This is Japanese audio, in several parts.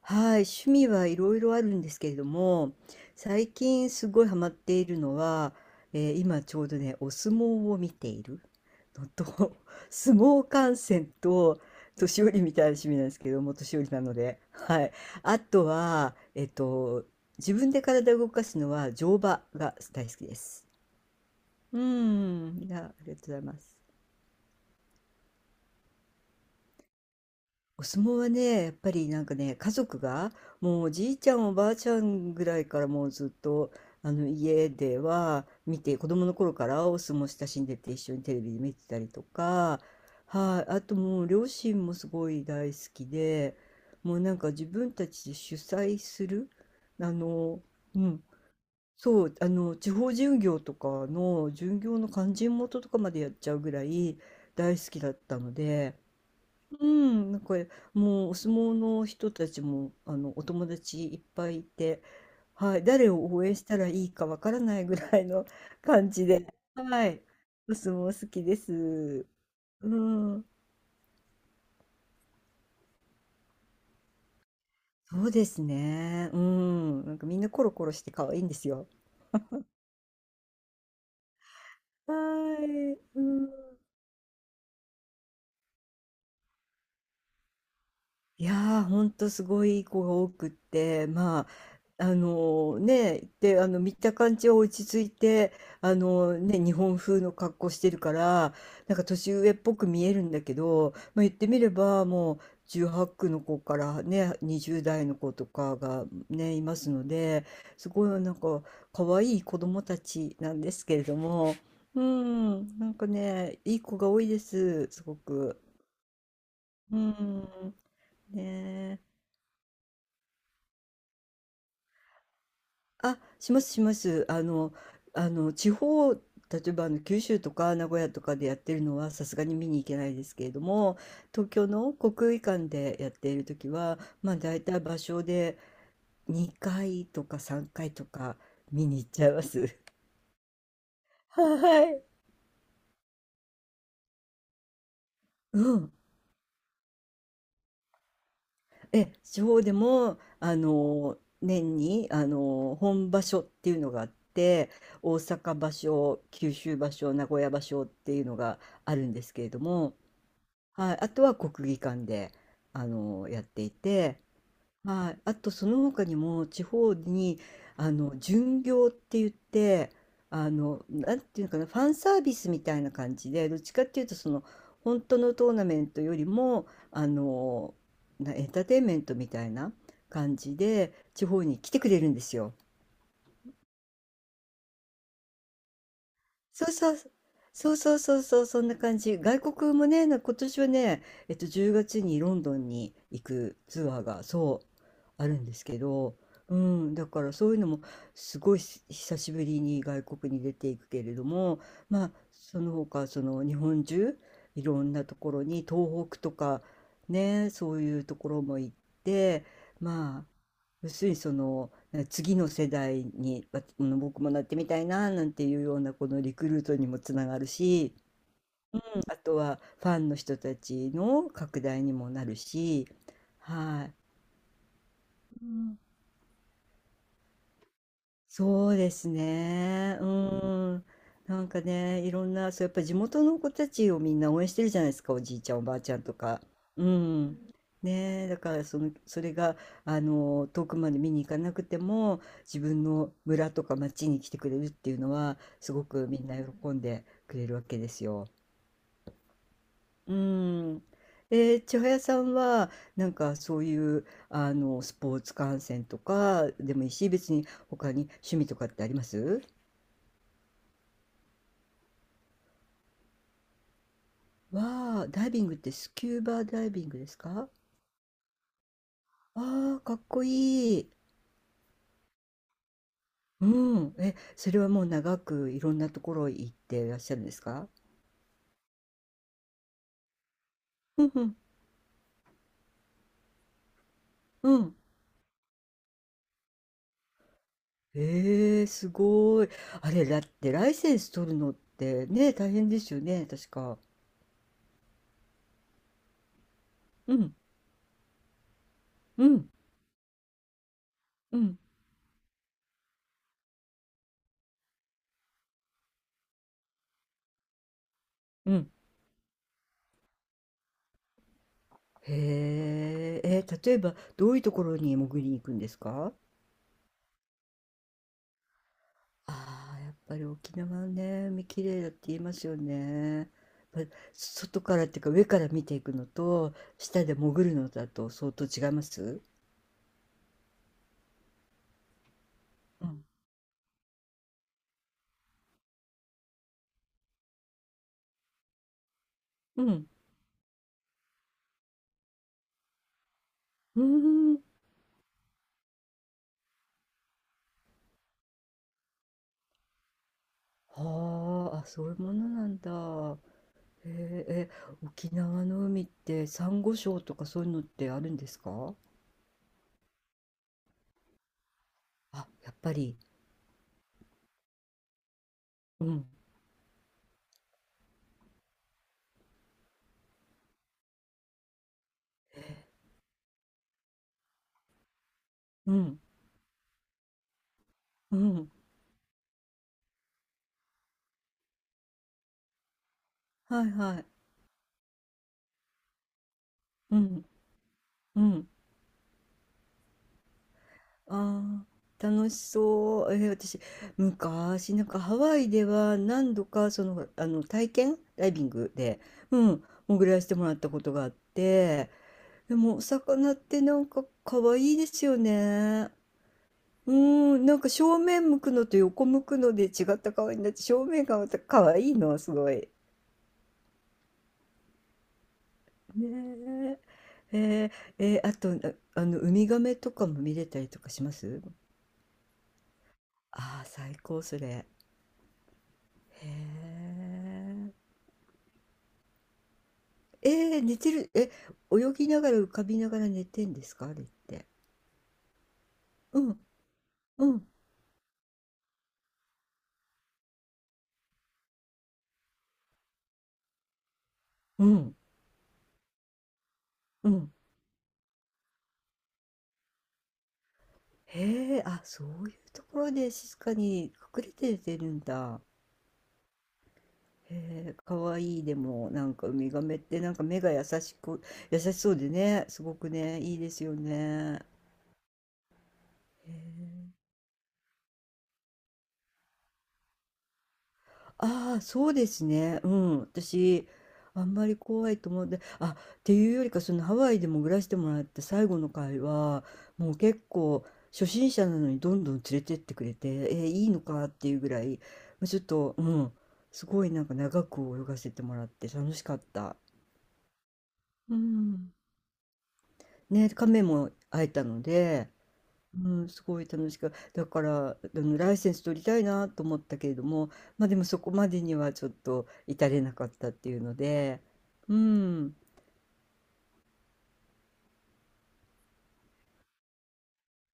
はい、趣味はいろいろあるんですけれども、最近すごいハマっているのは、今ちょうどね、お相撲を見ているのと、相撲観戦と、年寄りみたいな趣味なんですけども、年寄りなので。はい。あとは、自分で体を動かすのは乗馬が大好きです。うん、いやありがとうございます。お相撲はね、やっぱりなんかね、家族が、もうおじいちゃんおばあちゃんぐらいからもうずっと、あの家では見て、子供の頃からお相撲親しんでて一緒にテレビで見てたりとか、はい、あともう両親もすごい大好きで、もうなんか自分たちで主催する、あの、うん、そう、地方巡業とかの巡業の勧進元とかまでやっちゃうぐらい大好きだったので、うん、なんかもうお相撲の人たちもお友達いっぱいいて、はい、誰を応援したらいいかわからないぐらいの 感じで、はい、お相撲好きです。うん、そうですね。うん、なんかみんなコロコロして可愛いんですよ。はい、うん。いやー、ほんとすごいいい子が多くって、まあ、ね、で、見た感じは落ち着いて、ね、日本風の格好してるから、なんか年上っぽく見えるんだけど、まあ、言ってみればもう18区の子からね、20代の子とかがね、いますので、すごいなんか可愛い子供たちなんですけれども、うん、なんかね、いい子が多いです、すごく。うん、ねあ、しますします。あの地方、例えばあの九州とか名古屋とかでやってるのはさすがに見に行けないですけれども、東京の国技館でやっている時は、まあ大体場所で2回とか3回とか見に行っちゃいます。はい。うん。え、地方でも、年に、本場所っていうのがあって、大阪場所、九州場所、名古屋場所っていうのがあるんですけれども、はい、あとは国技館で、やっていて、はい、あとその他にも地方に、巡業って言って、なんていうのかな、ファンサービスみたいな感じで、どっちかっていうと、その、本当のトーナメントよりも、あの、なエンターテインメントみたいな感じで、地方に来てくれるんですよ。そうそうそう。そうそうそうそう、そんな感じ。外国もね、今年はね、10月にロンドンに行くツアーが、そう、あるんですけど、うん、だからそういうのも、すごいし久しぶりに外国に出ていくけれども、まあ、その他、その日本中、いろんなところに、東北とか、ね、そういうところも行って、まあ、要するにその次の世代にわ僕もなってみたいななんていうようなこのリクルートにもつながるし、うんあとはファンの人たちの拡大にもなるし、はい、そうですね。ううん。ん。なんかね、いろんな、そう、やっぱ地元の子たちをみんな応援してるじゃないですか、おじいちゃん、おばあちゃんとか。うん。ねえ、だからその、それが、遠くまで見に行かなくても、自分の村とか町に来てくれるっていうのは、すごくみんな喜んでくれるわけですよ。うん。千早さんは、なんかそういう、スポーツ観戦とかでもいいし、別に他に趣味とかってあります？わあ、ダイビングってスキューバダイビングですか？ああ、かっこいい。うん。え、それはもう長くいろんなところ行っていらっしゃるんですか？うんうん、うん。ええ、すごい。あれ、だってライセンス取るのってね、大変ですよね、確か。うん、うん、うん、うん。へえ、え、例えばどういうところに潜りに行くんですか？ああ、やっぱり沖縄はね、海綺麗だって言いますよね。やっぱ外からっていうか上から見ていくのと、下で潜るのだと相当違います？うん。うん。うーん。はあ、あ、そういうものなんだ。へえ、え、沖縄の海ってサンゴ礁とかそういうのってあるんですか？あ、やっぱり。うん。うん。うん。はいはい。うん。うん。ああ、楽しそう。私、昔、なんかハワイでは何度か、その、体験ダイビングで、うん、潜らせてもらったことがあって、でも、お魚ってなんか可愛いですよね。うん、なんか正面向くのと横向くので違った顔になって、正面がまた可愛いの、すごい。ねえ。あと、ウミガメとかも見れたりとかします？ああ最高、それ。へえ。寝てる、え、泳ぎながら浮かびながら寝てんですか？あれって。うん、うん、うん、うん。へえ、あ、そういうところで静かに隠れて寝てるんだ。へえ、かわいい。でも、なんかウミガメってなんか目が優しく、優しそうでね、すごくね、いいですよね。へえ。ああ、そうですね。うん。私、あんまり怖いと思って、あ、っていうよりか、そのハワイでも暮らしてもらった最後の回は、もう結構、初心者なのにどんどん連れてってくれて、えーいいのかっていうぐらい、まあちょっと、うん、すごいなんか長く泳がせてもらって楽しかった。うん。ね、亀も会えたので、うん、すごい楽しく、だから、ライセンス取りたいなと思ったけれども、ま、あでもそこまでにはちょっと至れなかったっていうので、うん、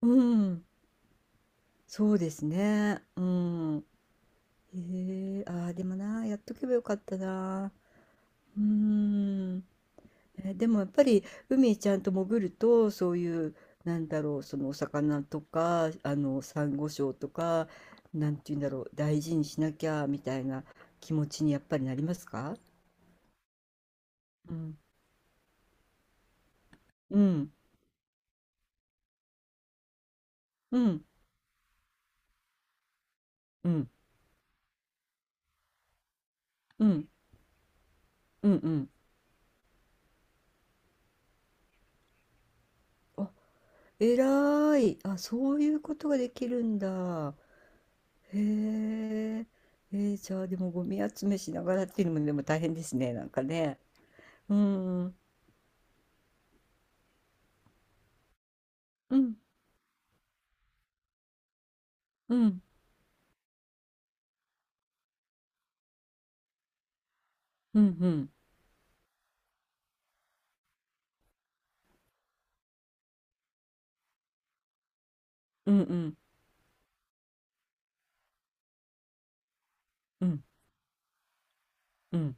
うん、そうですね、うん。へえ、ああ、でもな、やっとけばよかったな。うーん。え、でもやっぱり海ちゃんと潜ると、そういう、なんだろう、そのお魚とか、サンゴ礁とか、なんて言うんだろう、大事にしなきゃみたいな気持ちにやっぱりなりますか？うん、うん、うん、うん、うん、うん、うん。あ、えらい。あ、そういうことができるんだ。へえ。じゃあでもゴミ集めしながらっていうのもでも大変ですね、なんかね。うん、うん、うん、うん、うん、うん、うん、うん、うん、うん。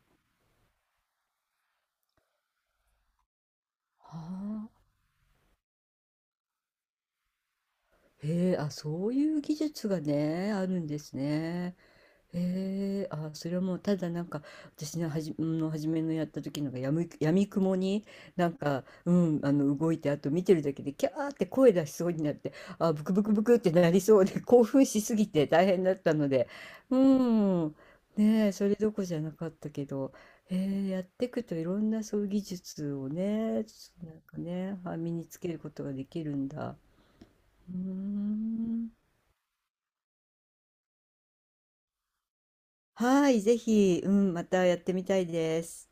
はあ。へえ、あ、そういう技術がね、あるんですね。へえ、あ、それはもうただなんか、私のはじ、の初めのやった時のがやみくもになんか、うん、動いて、あと見てるだけでキャーって声出しそうになって、あ、ブクブクブクってなりそうで、興奮しすぎて大変だったので、うん、ねえ、それどこじゃなかったけど、へえ、やっていくといろんなそういう技術をね、なんかね、あ身につけることができるんだ。うーん。はい、ぜひ、うん、またやってみたいです。